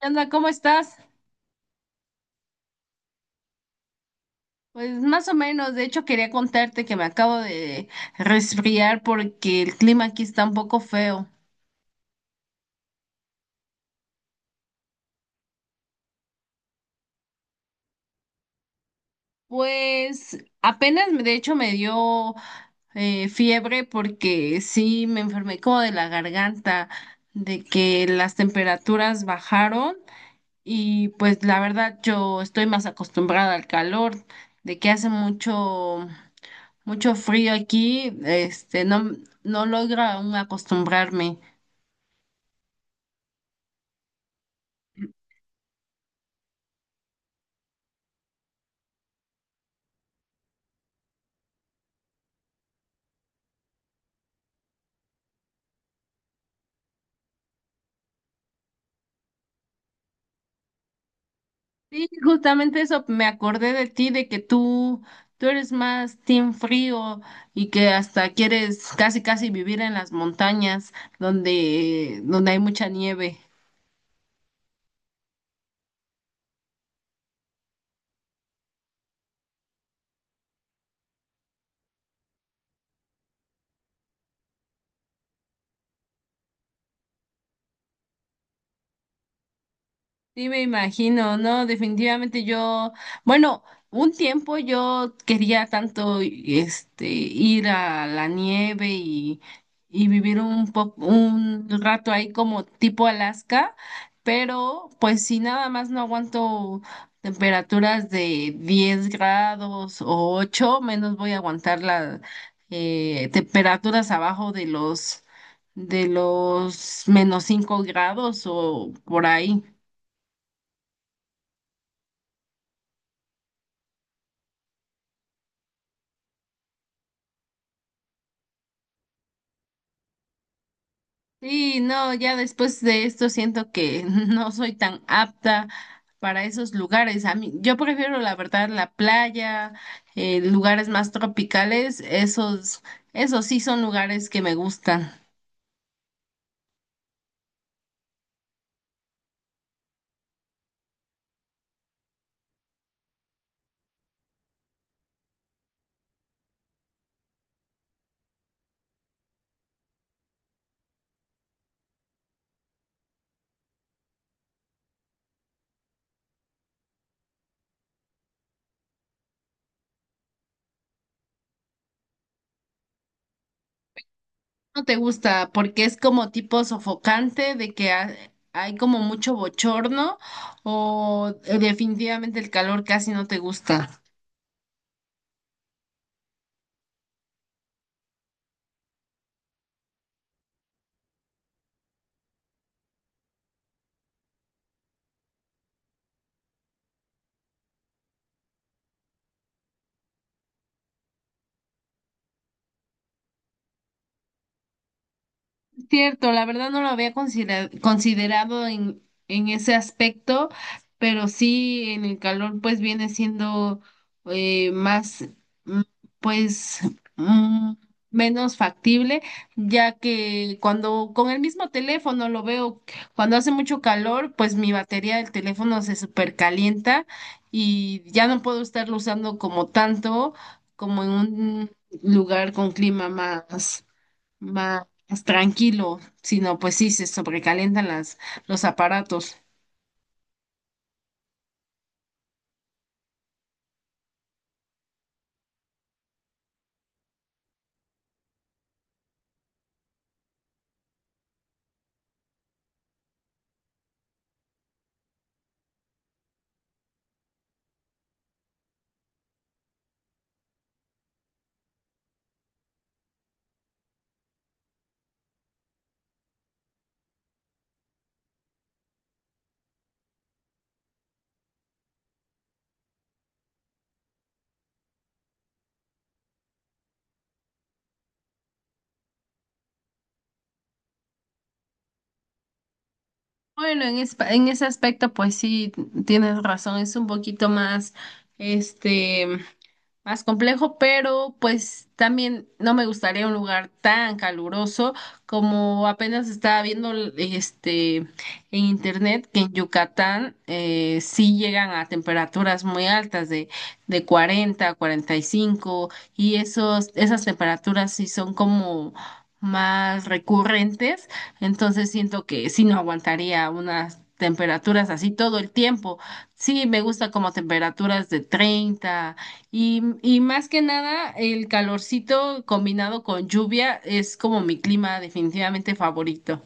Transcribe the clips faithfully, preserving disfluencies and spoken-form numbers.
¿Qué onda? ¿Cómo estás? Pues más o menos, de hecho quería contarte que me acabo de resfriar porque el clima aquí está un poco feo. Pues apenas, de hecho, me dio eh, fiebre porque sí me enfermé como de la garganta, de que las temperaturas bajaron y pues la verdad yo estoy más acostumbrada al calor, de que hace mucho, mucho frío aquí, este, no, no logra aún acostumbrarme. Sí, justamente eso me acordé de ti, de que tú, tú eres más team frío y que hasta quieres casi casi vivir en las montañas donde, donde hay mucha nieve. Sí, me imagino, ¿no? Definitivamente yo, bueno, un tiempo yo quería tanto este ir a la nieve y, y vivir un po- un rato ahí como tipo Alaska, pero pues si nada más no aguanto temperaturas de diez grados o ocho menos voy a aguantar las temperaturas abajo de los de los menos cinco grados o por ahí. Sí, no, ya después de esto siento que no soy tan apta para esos lugares. A mí, yo prefiero la verdad la playa, eh, lugares más tropicales, esos, esos sí son lugares que me gustan. No te gusta porque es como tipo sofocante de que ha- hay como mucho bochorno o eh, definitivamente el calor casi no te gusta. Cierto, la verdad no lo había considera- considerado en, en ese aspecto, pero sí en el calor pues viene siendo eh, más mm, pues mm, menos factible, ya que cuando con el mismo teléfono lo veo, cuando hace mucho calor pues mi batería del teléfono se supercalienta y ya no puedo estarlo usando como tanto como en un lugar con clima más más tranquilo, sino pues sí, se sobrecalientan las, los aparatos. Bueno, en, es- en ese aspecto, pues sí, tienes razón, es un poquito más, este, más complejo, pero pues también no me gustaría un lugar tan caluroso como apenas estaba viendo este en internet que en Yucatán eh, sí llegan a temperaturas muy altas de, de cuarenta a cuarenta y cinco y esos, esas temperaturas sí son como más recurrentes, entonces siento que sí no aguantaría unas temperaturas así todo el tiempo. Sí, me gusta como temperaturas de treinta y, y más que nada, el calorcito combinado con lluvia es como mi clima definitivamente favorito.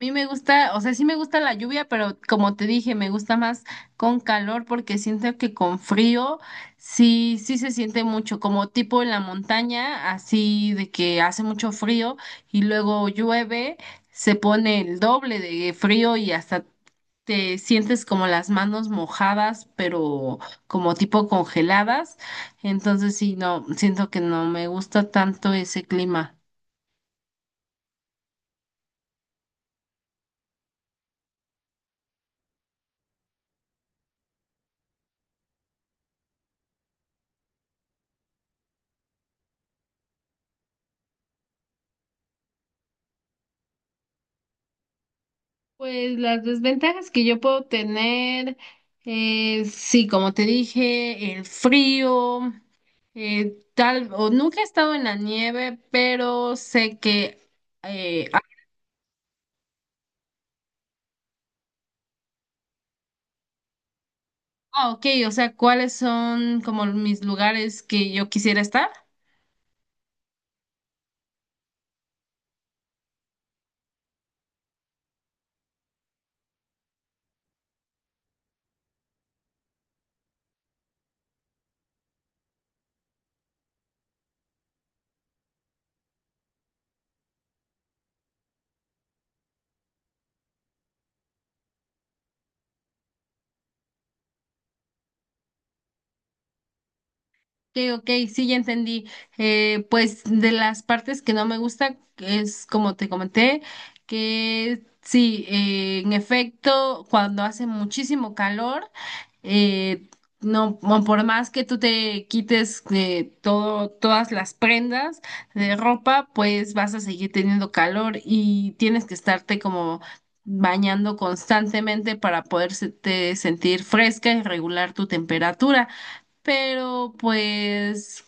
A mí me gusta, o sea, sí me gusta la lluvia, pero como te dije, me gusta más con calor porque siento que con frío sí, sí se siente mucho, como tipo en la montaña, así de que hace mucho frío y luego llueve, se pone el doble de frío y hasta te sientes como las manos mojadas, pero como tipo congeladas. Entonces sí, no, siento que no me gusta tanto ese clima. Pues las desventajas que yo puedo tener, eh, sí, como te dije, el frío, eh, tal, o nunca he estado en la nieve, pero sé que, eh, ah, ok, o sea, ¿cuáles son como mis lugares que yo quisiera estar? Ok, ok, sí, ya entendí. Eh, pues de las partes que no me gusta es como te comenté, que sí, eh, en efecto, cuando hace muchísimo calor, eh, no, mo- por más que tú te quites eh, todo, todas las prendas de ropa, pues vas a seguir teniendo calor y tienes que estarte como bañando constantemente para poderte sentir fresca y regular tu temperatura pero pues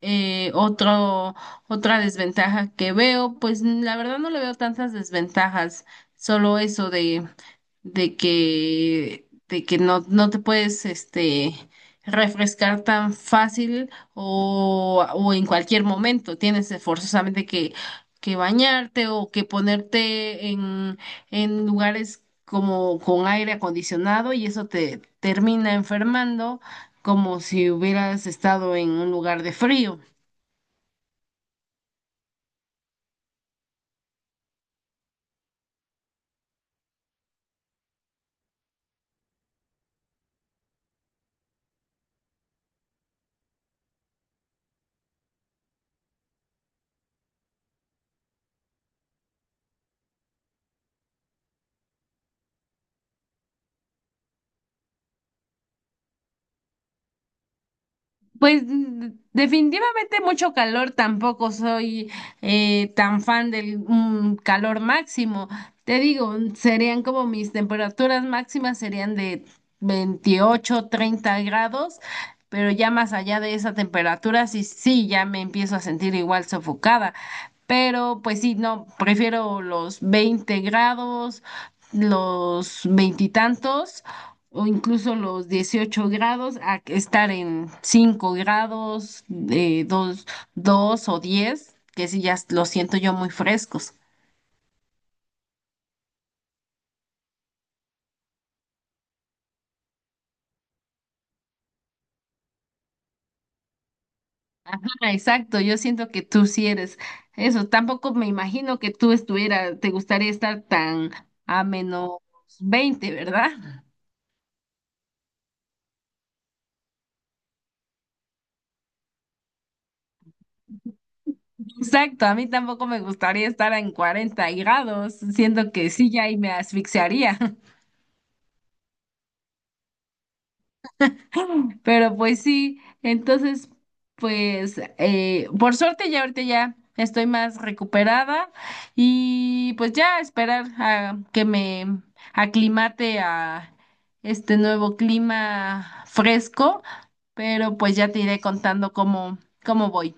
eh, otro, otra desventaja que veo, pues la verdad no le veo tantas desventajas, solo eso de de que, de que no, no te puedes este, refrescar tan fácil o, o en cualquier momento. Tienes forzosamente que, que bañarte o que ponerte en, en lugares como con aire acondicionado y eso te termina enfermando como si hubieras estado en un lugar de frío. Pues mm, definitivamente mucho calor, tampoco soy eh, tan fan del mm, calor máximo. Te digo, serían como mis temperaturas máximas serían de veintiocho, treinta grados, pero ya más allá de esa temperatura, sí, sí, ya me empiezo a sentir igual sofocada. Pero pues sí, no, prefiero los veinte grados, los veintitantos o incluso los dieciocho grados a que estar en cinco grados, de dos dos o diez que sí ya lo siento yo muy frescos. Ajá, exacto, yo siento que tú sí eres eso. Tampoco me imagino que tú estuvieras, te gustaría estar tan a menos veinte, ¿verdad? Exacto, a mí tampoco me gustaría estar en cuarenta grados, siento que sí ya ahí me asfixiaría. Pero pues sí, entonces, pues eh, por suerte ya ahorita ya estoy más recuperada y pues ya esperar a que me aclimate a este nuevo clima fresco, pero pues ya te iré contando cómo, cómo voy.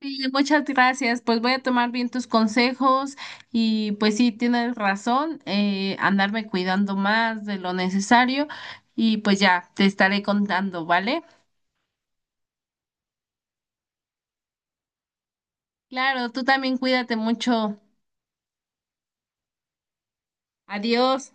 Sí, muchas gracias, pues voy a tomar bien tus consejos y pues sí, tienes razón, eh, andarme cuidando más de lo necesario y pues ya te estaré contando, ¿vale? Claro, tú también cuídate mucho. Adiós.